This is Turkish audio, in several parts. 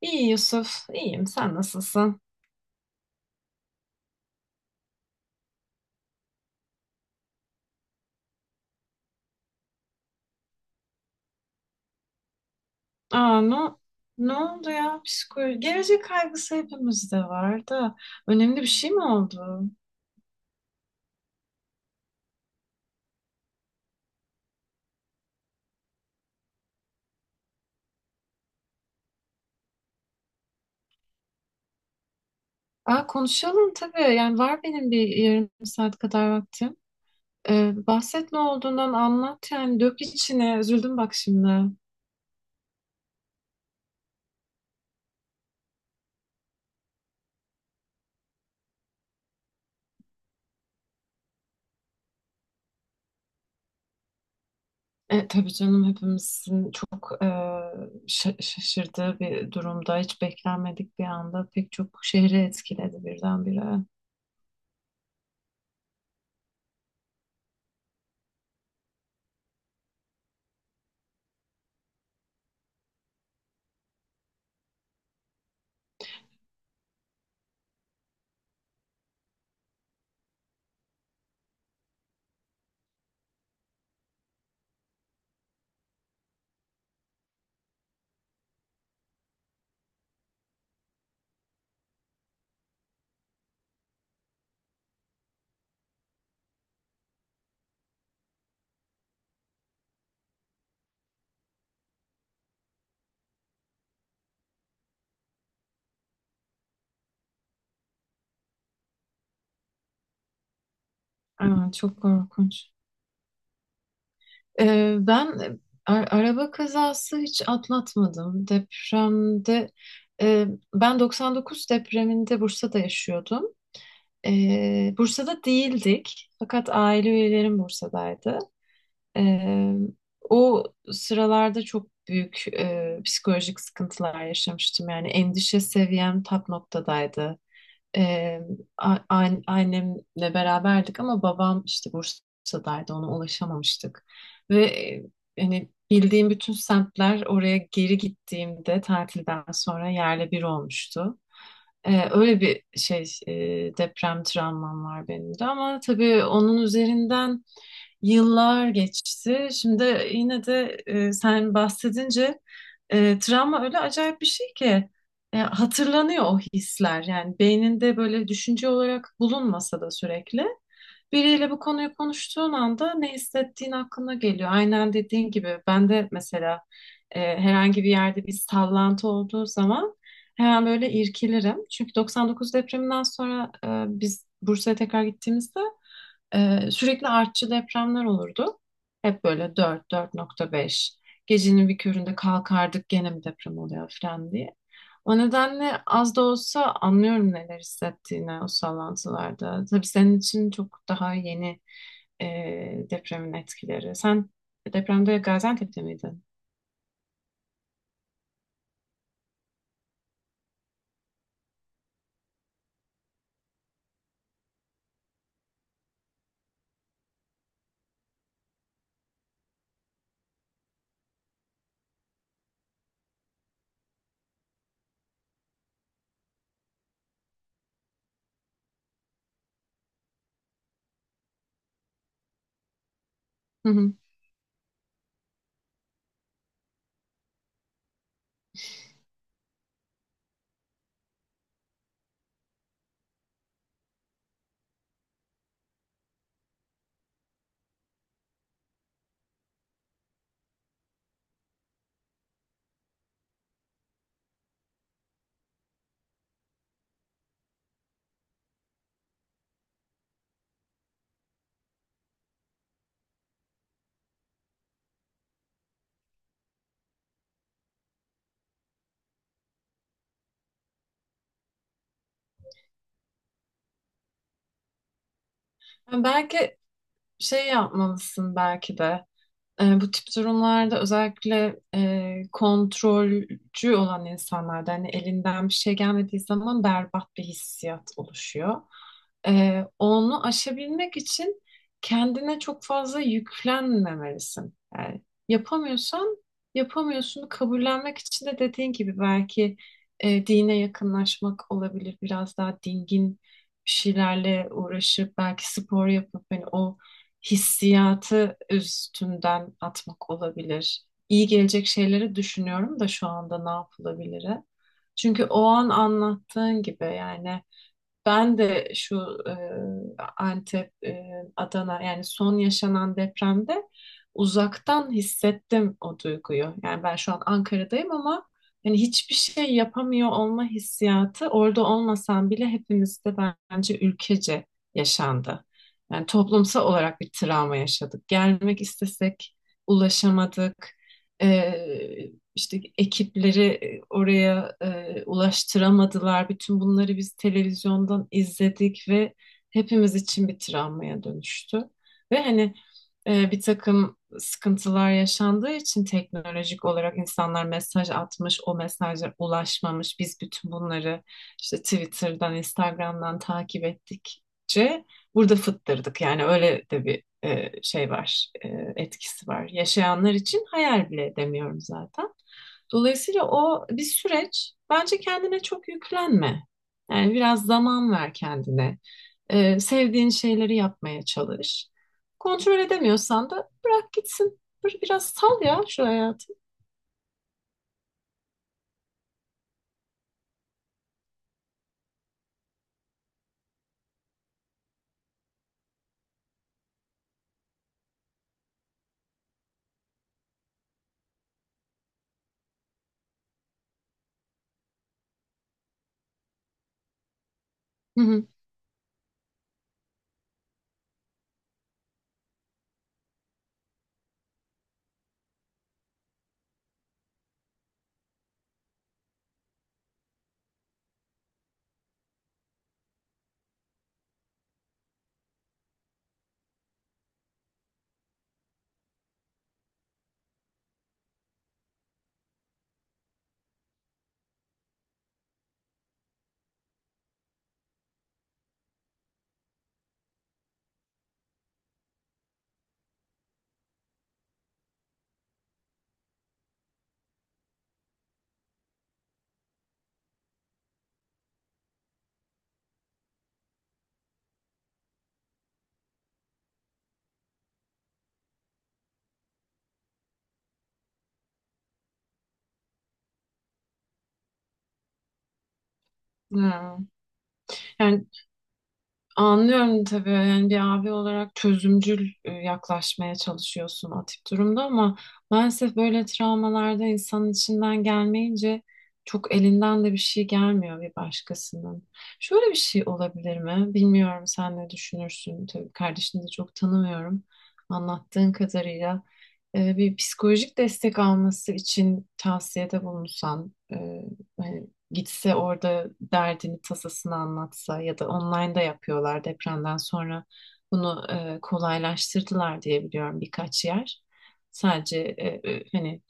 İyi Yusuf, iyiyim. Sen nasılsın? Aa, ne oldu ya? Psikoloji, gelecek kaygısı hepimizde var da. Önemli bir şey mi oldu? Aa, konuşalım tabii. Yani var benim bir yarım saat kadar vaktim. Bahset ne olduğundan anlat yani. Dök içine. Üzüldüm bak şimdi. Tabii canım hepimizin çok şaşırdığı bir durumda. Hiç beklenmedik bir anda. Pek çok şehri etkiledi birdenbire. Aa, çok korkunç. Ben araba kazası hiç atlatmadım. Depremde e, ben 99 depreminde Bursa'da yaşıyordum. Bursa'da değildik fakat aile üyelerim Bursa'daydı. Ee, o sıralarda çok büyük psikolojik sıkıntılar yaşamıştım. Yani endişe seviyem tap noktadaydı. Ee, annemle beraberdik ama babam işte Bursa'daydı ona ulaşamamıştık. Ve hani bildiğim bütün semtler oraya geri gittiğimde tatilden sonra yerle bir olmuştu. Öyle bir şey deprem travmam var benim de ama tabii onun üzerinden yıllar geçti. Şimdi yine de sen bahsedince travma öyle acayip bir şey ki hatırlanıyor o hisler. Yani beyninde böyle düşünce olarak bulunmasa da sürekli biriyle bu konuyu konuştuğun anda ne hissettiğin aklına geliyor. Aynen dediğin gibi ben de mesela herhangi bir yerde bir sallantı olduğu zaman, hemen böyle irkilirim. Çünkü 99 depreminden sonra biz Bursa'ya tekrar gittiğimizde sürekli artçı depremler olurdu. Hep böyle 4, 4.5. Gecenin bir köründe kalkardık gene mi deprem oluyor falan diye. O nedenle az da olsa anlıyorum neler hissettiğini o sallantılarda. Tabii senin için çok daha yeni e, depremin etkileri. Sen depremde Gaziantep'te miydin? Hı hı. Belki şey yapmalısın belki de. Bu tip durumlarda özellikle kontrolcü olan insanlarda hani elinden bir şey gelmediği zaman berbat bir hissiyat oluşuyor. Onu aşabilmek için kendine çok fazla yüklenmemelisin. Yani yapamıyorsan yapamıyorsun kabullenmek için de dediğin gibi belki dine yakınlaşmak olabilir. Biraz daha dingin bir şeylerle uğraşıp belki spor yapıp hani o hissiyatı üstünden atmak olabilir. İyi gelecek şeyleri düşünüyorum da şu anda ne yapılabilir? Çünkü o an anlattığın gibi yani ben de şu e, Antep, Adana yani son yaşanan depremde uzaktan hissettim o duyguyu. Yani ben şu an Ankara'dayım ama yani hiçbir şey yapamıyor olma hissiyatı orada olmasam bile hepimizde bence ülkece yaşandı. Yani toplumsal olarak bir travma yaşadık. Gelmek istesek ulaşamadık. E, işte ekipleri oraya ulaştıramadılar. Bütün bunları biz televizyondan izledik ve hepimiz için bir travmaya dönüştü. Ve hani bir takım sıkıntılar yaşandığı için teknolojik olarak insanlar mesaj atmış, o mesajlar ulaşmamış. Biz bütün bunları işte Twitter'dan, Instagram'dan takip ettikçe burada fıttırdık. Yani öyle de bir şey var, etkisi var. Yaşayanlar için hayal bile edemiyorum zaten. Dolayısıyla o bir süreç. Bence kendine çok yüklenme. Yani biraz zaman ver kendine. Sevdiğin şeyleri yapmaya çalış. Kontrol edemiyorsan da bırak gitsin. Biraz sal ya şu hayatı. Hı hı. Ha. Yani anlıyorum tabii yani bir abi olarak çözümcül yaklaşmaya çalışıyorsun o tip durumda ama maalesef böyle travmalarda insanın içinden gelmeyince çok elinden de bir şey gelmiyor bir başkasının. Şöyle bir şey olabilir mi? Bilmiyorum sen ne düşünürsün. Tabii kardeşini de çok tanımıyorum anlattığın kadarıyla. Bir psikolojik destek alması için tavsiyede bulunsan, hani gitse orada derdini tasasını anlatsa ya da online online'da yapıyorlar depremden sonra bunu kolaylaştırdılar diye biliyorum birkaç yer. Sadece hani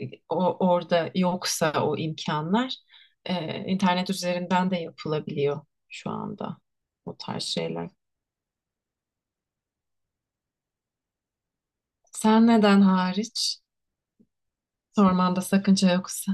orada yoksa o imkanlar internet üzerinden de yapılabiliyor şu anda o tarz şeyler. Sen neden hariç? Sormanda sakınca yoksa.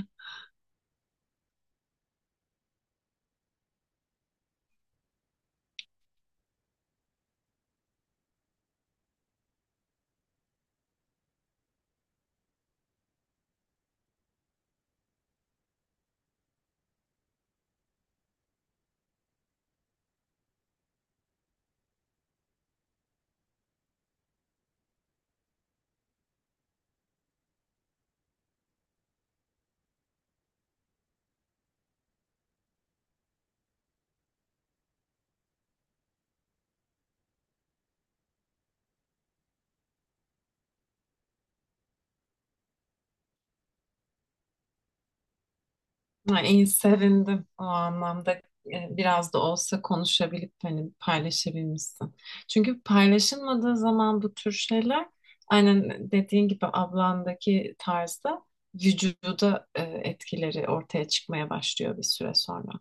Ha, iyi sevindim o anlamda biraz da olsa konuşabilip hani paylaşabilmişsin. Çünkü paylaşılmadığı zaman bu tür şeyler aynen dediğin gibi ablandaki tarzda vücuda etkileri ortaya çıkmaya başlıyor bir süre sonra.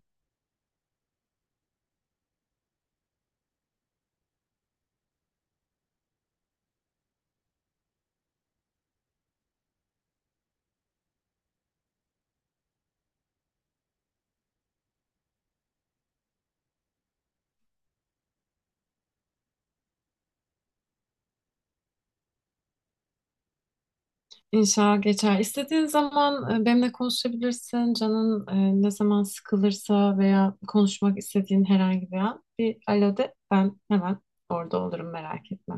İnşallah geçer. İstediğin zaman benimle konuşabilirsin. Canın ne zaman sıkılırsa veya konuşmak istediğin herhangi bir an bir alo de. Ben hemen orada olurum merak etme.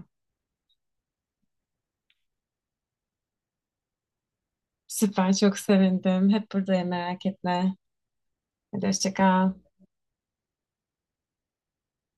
Süper çok sevindim. Hep buradayım merak etme. Hadi hoşça kal.